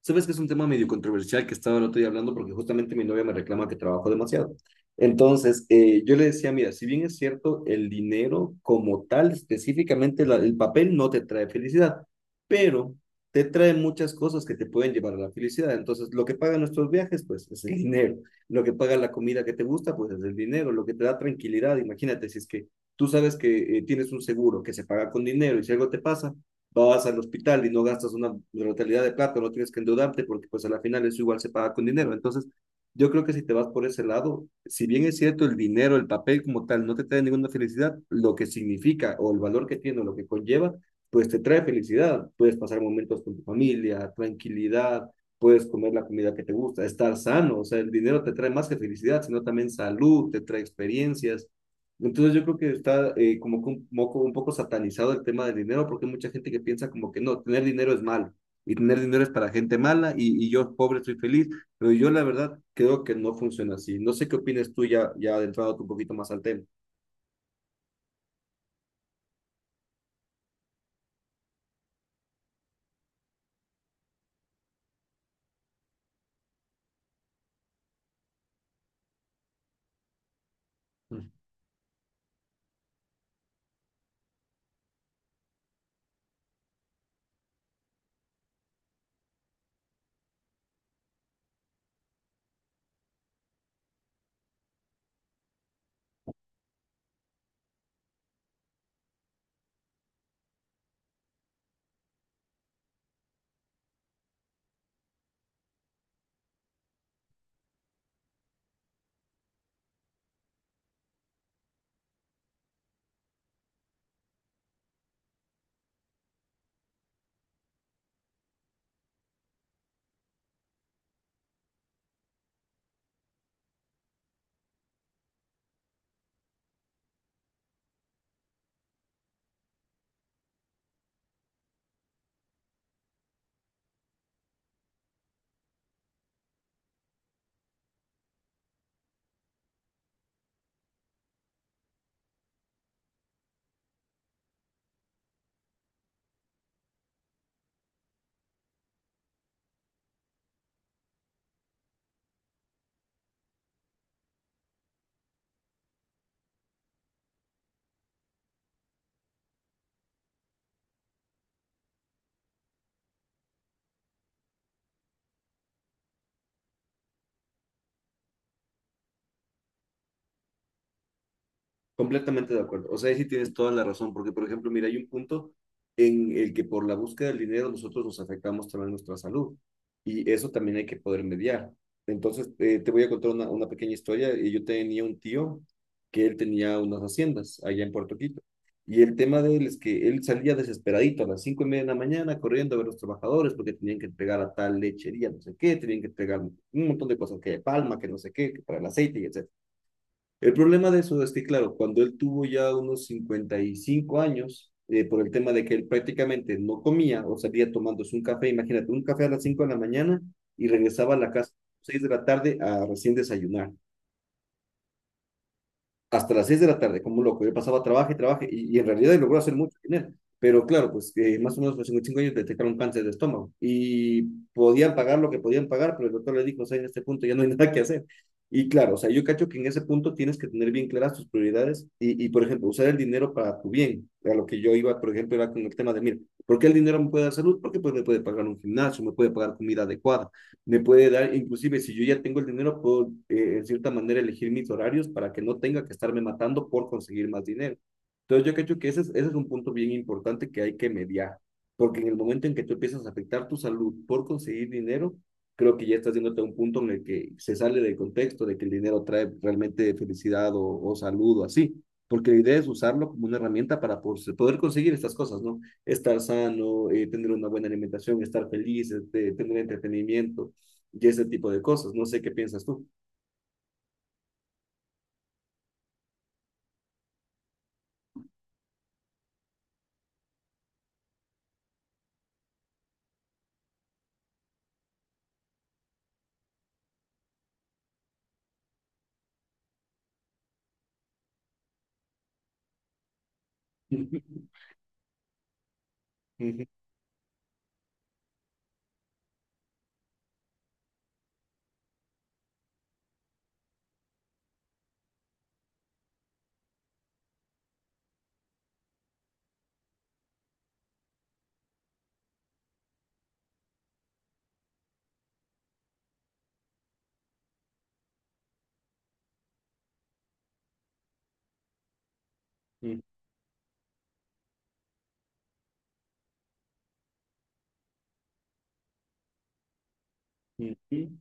Sabes que es un tema medio controversial que estaba el otro día hablando porque justamente mi novia me reclama que trabajo demasiado. Entonces, yo le decía, mira, si bien es cierto, el dinero como tal, específicamente el papel, no te trae felicidad, pero te trae muchas cosas que te pueden llevar a la felicidad. Entonces, lo que pagan nuestros viajes, pues es el dinero. Lo que paga la comida que te gusta, pues es el dinero. Lo que te da tranquilidad, imagínate, si es que tú sabes que tienes un seguro que se paga con dinero, y si algo te pasa vas al hospital y no gastas una brutalidad de plata, no tienes que endeudarte porque pues a la final eso igual se paga con dinero. Entonces, yo creo que si te vas por ese lado, si bien es cierto el dinero, el papel como tal, no te trae ninguna felicidad, lo que significa o el valor que tiene o lo que conlleva, pues te trae felicidad. Puedes pasar momentos con tu familia, tranquilidad, puedes comer la comida que te gusta, estar sano. O sea, el dinero te trae más que felicidad, sino también salud, te trae experiencias. Entonces yo creo que está como que un poco satanizado el tema del dinero, porque hay mucha gente que piensa como que no, tener dinero es malo y tener dinero es para gente mala y yo pobre estoy feliz, pero yo la verdad creo que no funciona así. No sé qué opinas tú ya adentrado un poquito más al tema. Completamente de acuerdo. O sea, ahí sí tienes toda la razón, porque por ejemplo, mira, hay un punto en el que por la búsqueda del dinero nosotros nos afectamos también nuestra salud, y eso también hay que poder mediar. Entonces, te voy a contar una pequeña historia. Yo tenía un tío que él tenía unas haciendas allá en Puerto Quito, y el tema de él es que él salía desesperadito a las 5:30 de la mañana corriendo a ver a los trabajadores, porque tenían que entregar a tal lechería, no sé qué, tenían que entregar un montón de cosas, que de palma, que no sé qué, que para el aceite, y etc. El problema de eso es que, claro, cuando él tuvo ya unos 55 años, por el tema de que él prácticamente no comía o salía tomándose un café, imagínate, un café a las 5 de la mañana y regresaba a la casa a las 6 de la tarde, a recién desayunar hasta las 6 de la tarde, como un loco. Yo pasaba, trabaje, trabaje, y en realidad logró hacer mucho dinero. Pero claro, pues más o menos a los 55 años detectaron cáncer de estómago, y podían pagar lo que podían pagar, pero el doctor le dijo, o sea, en este punto ya no hay nada que hacer. Y claro, o sea, yo cacho que en ese punto tienes que tener bien claras tus prioridades por ejemplo, usar el dinero para tu bien. A lo que yo iba, por ejemplo, era con el tema de, mira, ¿por qué el dinero me puede dar salud? Porque pues me puede pagar un gimnasio, me puede pagar comida adecuada, me puede dar, inclusive si yo ya tengo el dinero, puedo en cierta manera elegir mis horarios para que no tenga que estarme matando por conseguir más dinero. Entonces yo creo que ese es un punto bien importante que hay que mediar, porque en el momento en que tú empiezas a afectar tu salud por conseguir dinero, creo que ya estás yéndote a un punto en el que se sale del contexto de que el dinero trae realmente felicidad o salud o así, porque la idea es usarlo como una herramienta para poder conseguir estas cosas, ¿no? Estar sano, tener una buena alimentación, estar feliz, este, tener entretenimiento, y ese tipo de cosas. No sé qué piensas tú. Mm-hmm. Mm-hmm.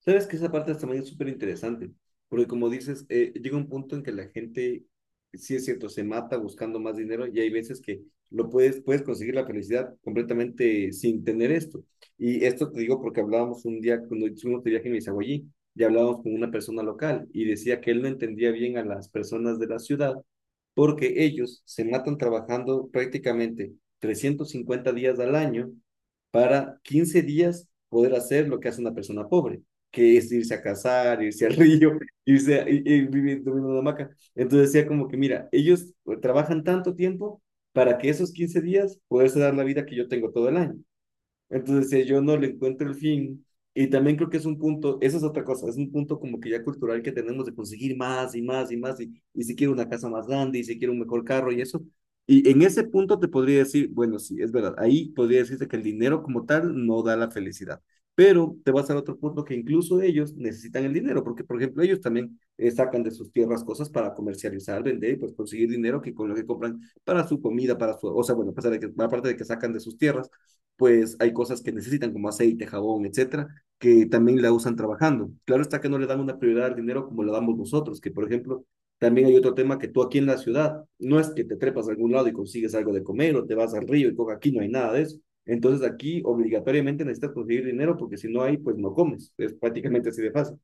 Sabes que esa parte también es súper interesante, porque como dices, llega un punto en que la gente, sí es cierto, se mata buscando más dinero, y hay veces que puedes conseguir la felicidad completamente sin tener esto. Y esto te digo porque hablábamos un día, cuando hicimos de viaje en Misaguayí, y hablábamos con una persona local y decía que él no entendía bien a las personas de la ciudad, porque ellos se matan trabajando prácticamente 350 días al año para 15 días poder hacer lo que hace una persona pobre, que es irse a cazar, irse al río, irse a, ir ir viviendo en una hamaca. Entonces decía como que, mira, ellos trabajan tanto tiempo para que esos 15 días poderse dar la vida que yo tengo todo el año. Entonces, si yo no le encuentro el fin, y también creo que es un punto, eso es otra cosa, es un punto como que ya cultural que tenemos de conseguir más y más y más, y si quiero una casa más grande, y si quiero un mejor carro y eso. Y en ese punto te podría decir, bueno, sí, es verdad, ahí podría decirte que el dinero como tal no da la felicidad. Pero te vas al otro punto, que incluso ellos necesitan el dinero, porque por ejemplo ellos también sacan de sus tierras cosas para comercializar, vender y pues conseguir dinero, que con lo que compran para su comida, para su, o sea, bueno, a pesar de que, aparte de que sacan de sus tierras, pues hay cosas que necesitan como aceite, jabón, etcétera, que también la usan trabajando. Claro está que no le dan una prioridad al dinero como la damos nosotros, que por ejemplo, también hay otro tema que tú aquí en la ciudad, no es que te trepas a algún lado y consigues algo de comer o te vas al río y coca, aquí no hay nada de eso. Entonces aquí obligatoriamente necesitas conseguir dinero, porque si no hay, pues no comes. Es prácticamente así de fácil.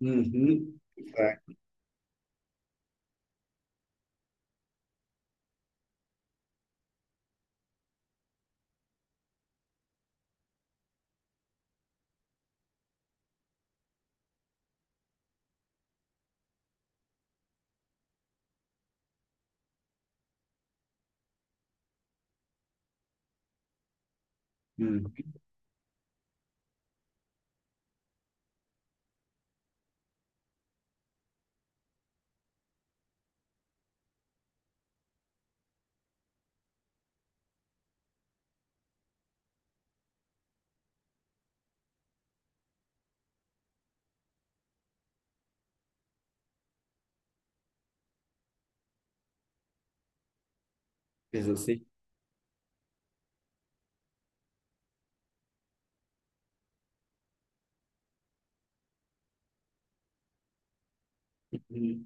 Ujú. Ah, mm. Eso sí. Ujú.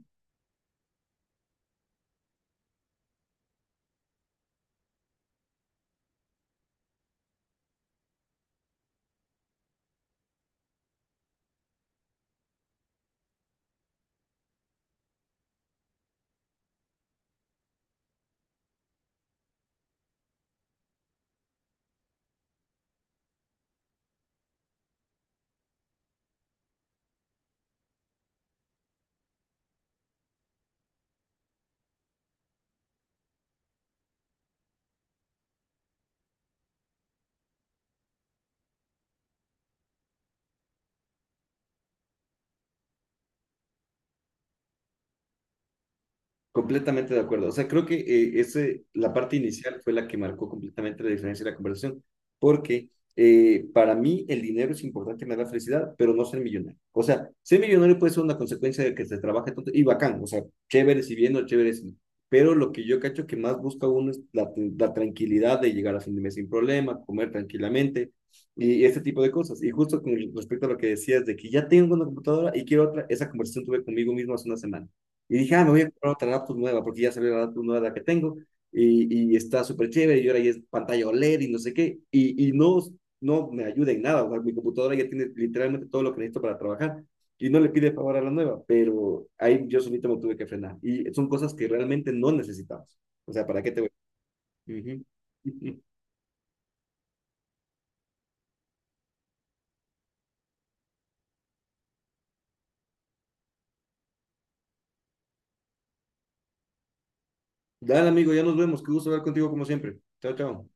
Completamente de acuerdo. O sea, creo que la parte inicial fue la que marcó completamente la diferencia de la conversación, porque para mí el dinero es importante, me da felicidad, pero no ser millonario. O sea, ser millonario puede ser una consecuencia de que se trabaje tanto y bacán, o sea, chévere si bien o chévere si no. Pero lo que yo cacho que más busca uno es la tranquilidad de llegar a fin de mes sin problema, comer tranquilamente y este tipo de cosas. Y justo con respecto a lo que decías de que ya tengo una computadora y quiero otra, esa conversación tuve conmigo mismo hace una semana. Y dije, ah, me voy a comprar otra laptop nueva, porque ya salió la laptop nueva la que tengo, y está súper chévere, y ahora ya es pantalla OLED y no sé qué, y no me ayuda en nada, o sea, mi computadora ya tiene literalmente todo lo que necesito para trabajar, y no le pide favor a la nueva, pero ahí yo solito me tuve que frenar, y son cosas que realmente no necesitamos, o sea, ¿para qué te voy? Ujú. Dale, amigo, ya nos vemos, qué gusto hablar contigo como siempre. Chao, chao.